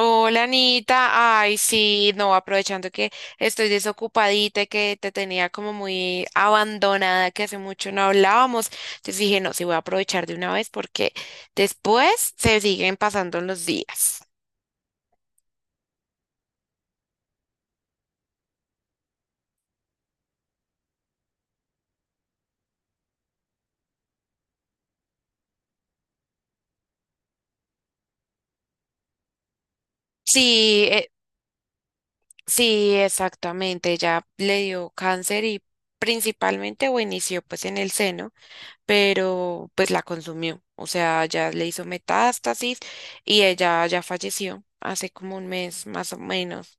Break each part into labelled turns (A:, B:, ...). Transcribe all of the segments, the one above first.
A: Hola Anita, ay sí, no, aprovechando que estoy desocupadita y que te tenía como muy abandonada, que hace mucho no hablábamos, entonces dije, no, sí voy a aprovechar de una vez porque después se siguen pasando los días. Sí, sí, exactamente, ya le dio cáncer y principalmente o inició pues en el seno, pero pues la consumió, o sea, ya le hizo metástasis y ella ya falleció hace como un mes más o menos.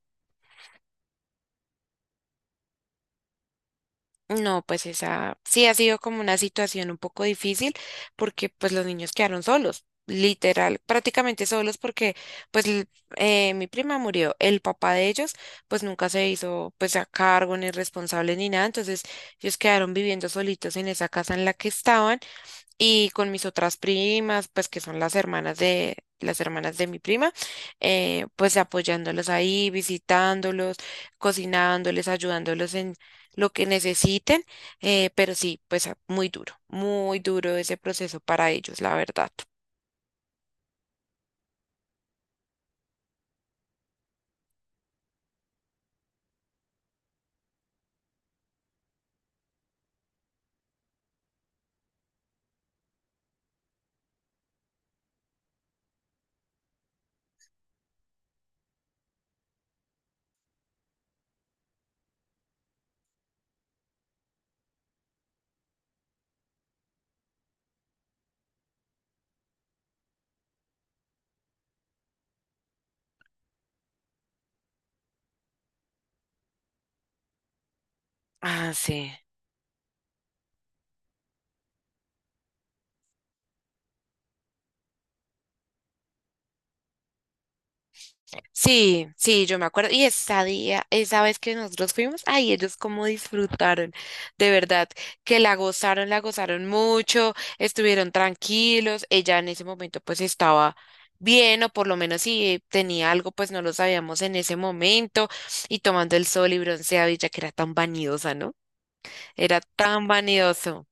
A: No, pues esa sí ha sido como una situación un poco difícil porque pues los niños quedaron solos, literal, prácticamente solos porque pues l- mi prima murió, el papá de ellos pues nunca se hizo pues a cargo ni responsable ni nada, entonces ellos quedaron viviendo solitos en esa casa en la que estaban y con mis otras primas, pues que son las hermanas de mi prima, pues apoyándolos ahí, visitándolos, cocinándoles, ayudándolos en lo que necesiten, pero sí, muy duro ese proceso para ellos, la verdad. Ah, sí. Sí, sí, yo me acuerdo. Y esa día, esa vez que nosotros fuimos, ay, ellos cómo disfrutaron, de verdad, que la gozaron mucho, estuvieron tranquilos. Ella en ese momento pues estaba bien, o por lo menos si tenía algo, pues no lo sabíamos en ese momento, y tomando el sol y bronceado, y ya que era tan vanidosa, ¿no? Era tan vanidoso.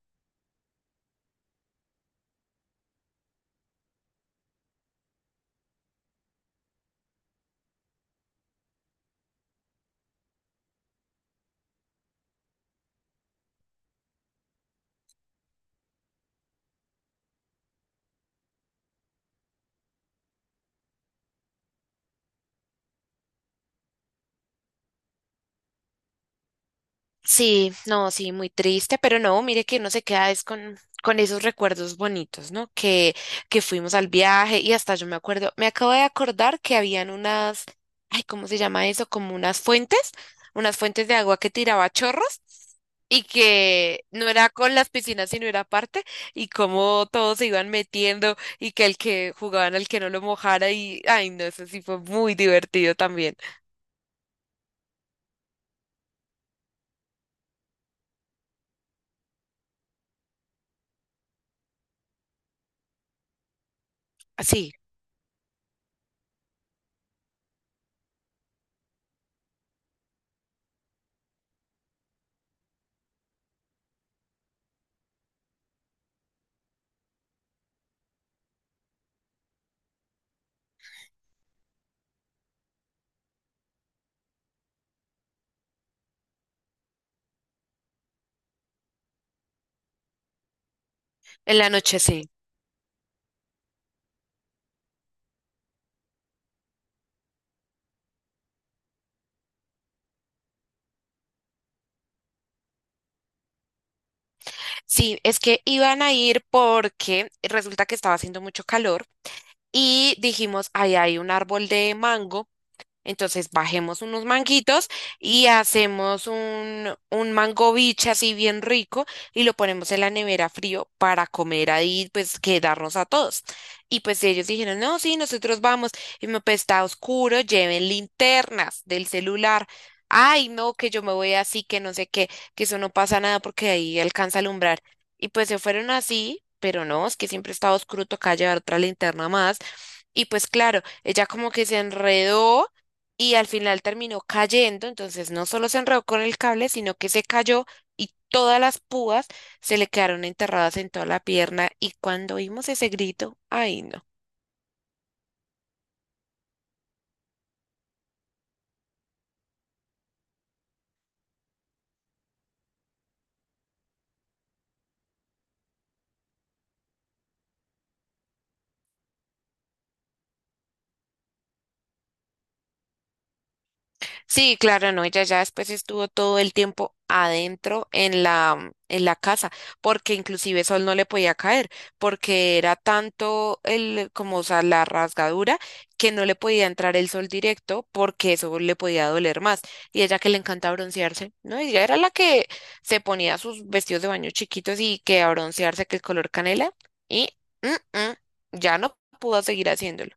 A: Sí, no, sí, muy triste, pero no, mire que uno se queda es con esos recuerdos bonitos, ¿no? Que fuimos al viaje y hasta yo me acuerdo, me acabo de acordar que habían unas, ay, ¿cómo se llama eso? Como unas fuentes de agua que tiraba chorros y que no era con las piscinas, sino era aparte, y cómo todos se iban metiendo y que el que jugaban al que no lo mojara y, ay, no, eso sí fue muy divertido también. Ah, sí, en la noche sí. Sí, es que iban a ir porque resulta que estaba haciendo mucho calor y dijimos, ahí hay un árbol de mango. Entonces bajemos unos manguitos y hacemos un mango biche así bien rico y lo ponemos en la nevera frío para comer ahí, pues quedarnos a todos. Y pues ellos dijeron, no, sí, nosotros vamos. Y me, pues está oscuro, lleven linternas del celular. Ay, no, que yo me voy así, que no sé qué, que eso no pasa nada porque ahí alcanza a alumbrar. Y pues se fueron así, pero no, es que siempre estaba oscuro, toca llevar otra linterna más. Y pues claro, ella como que se enredó y al final terminó cayendo, entonces no solo se enredó con el cable, sino que se cayó y todas las púas se le quedaron enterradas en toda la pierna y cuando oímos ese grito, ay no. Sí, claro, no, ella ya después estuvo todo el tiempo adentro en la casa, porque inclusive sol no le podía caer, porque era tanto el, como, o sea, la rasgadura, que no le podía entrar el sol directo, porque eso le podía doler más. Y ella que le encanta broncearse, ¿no? Ella era la que se ponía sus vestidos de baño chiquitos y que a broncearse, que el color canela, y mm, mm, ya no pudo seguir haciéndolo.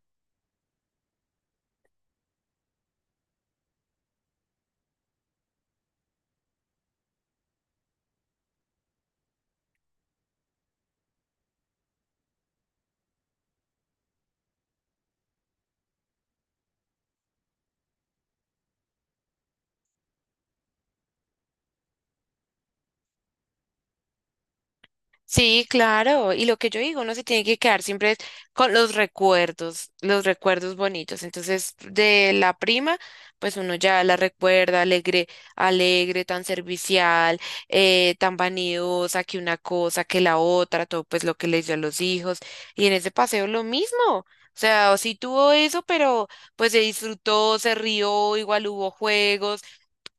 A: Sí, claro. Y lo que yo digo, uno se tiene que quedar siempre con los recuerdos bonitos. Entonces, de la prima, pues uno ya la recuerda alegre, alegre, tan servicial, tan vanidosa, que una cosa, que la otra, todo pues lo que le dio a los hijos. Y en ese paseo lo mismo. O sea, sí tuvo eso, pero pues se disfrutó, se rió, igual hubo juegos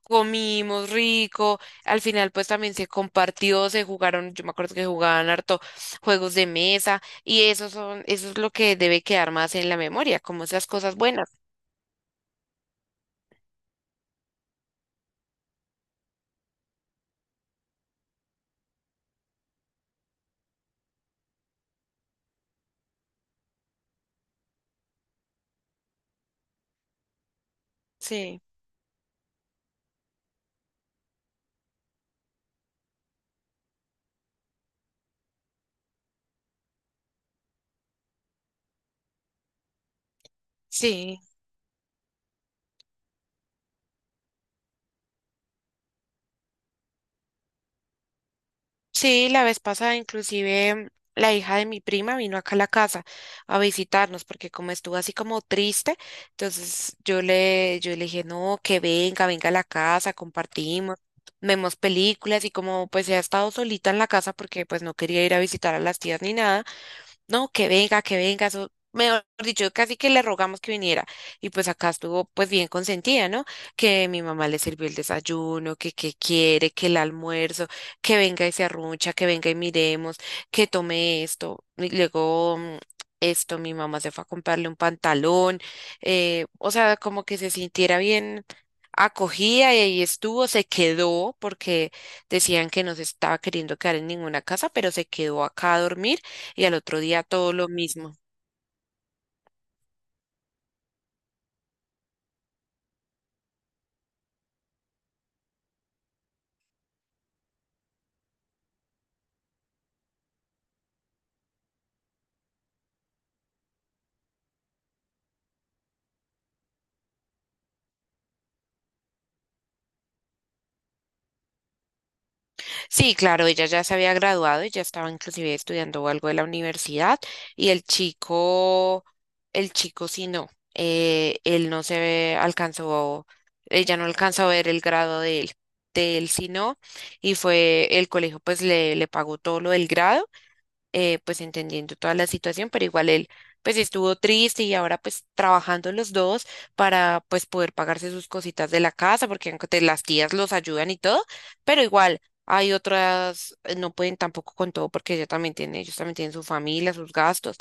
A: comimos rico, al final pues también se compartió, se jugaron, yo me acuerdo que jugaban harto juegos de mesa y eso son, eso es lo que debe quedar más en la memoria, como esas cosas buenas. Sí, sí. Sí, la vez pasada inclusive la hija de mi prima vino acá a la casa a visitarnos porque como estuvo así como triste, entonces yo le dije, no, que venga, venga a la casa, compartimos, vemos películas y como pues ella ha estado solita en la casa porque pues no quería ir a visitar a las tías ni nada. No, que venga, eso, mejor dicho, casi que le rogamos que viniera. Y pues acá estuvo pues bien consentida, ¿no? Que mi mamá le sirvió el desayuno, que qué quiere, que el almuerzo, que venga y se arruncha, que venga y miremos, que tome esto. Y luego esto, mi mamá se fue a comprarle un pantalón, o sea, como que se sintiera bien acogida y ahí estuvo, se quedó porque decían que no se estaba queriendo quedar en ninguna casa, pero se quedó acá a dormir y al otro día todo lo mismo. Sí, claro, ella ya se había graduado, ella estaba inclusive estudiando algo de la universidad y el chico sí no, él no se ve- alcanzó, ella no alcanzó a ver el grado de él sí no, y fue el colegio pues le pagó todo lo del grado. Pues entendiendo toda la situación, pero igual él pues estuvo triste y ahora pues trabajando los dos para pues poder pagarse sus cositas de la casa, porque aunque las tías los ayudan y todo, pero igual hay otras, no pueden tampoco con todo porque ella también tiene, ellos también tienen su familia, sus gastos,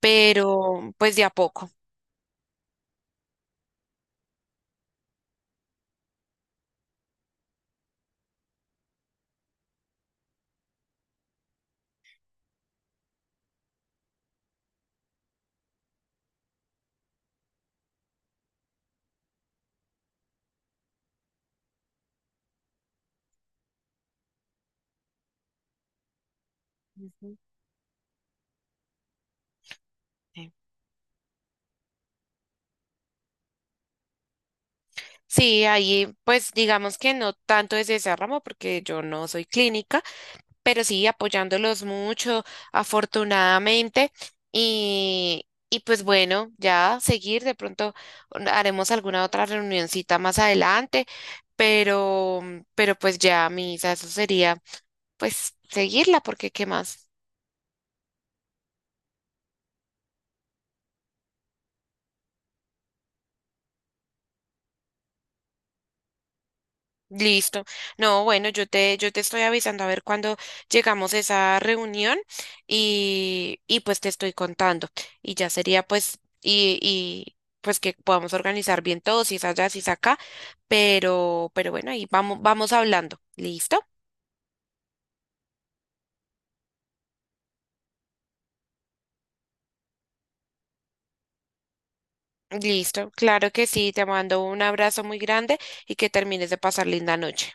A: pero pues de a poco. Ujú. Sí, ahí pues digamos que no tanto desde ese ramo porque yo no soy clínica, pero sí apoyándolos mucho, afortunadamente. Y pues bueno, ya seguir, de pronto haremos alguna otra reunioncita más adelante, pero, pero pues ya, Misa, eso sería pues seguirla, porque ¿qué más? Listo. No, bueno, yo te estoy avisando a ver cuándo llegamos a esa reunión y pues te estoy contando. Y ya sería pues, y pues que podamos organizar bien todo, si es allá, si es acá, pero bueno, ahí vamos, vamos hablando. ¿Listo? Listo. Claro que sí, te mando un abrazo muy grande y que termines de pasar linda noche.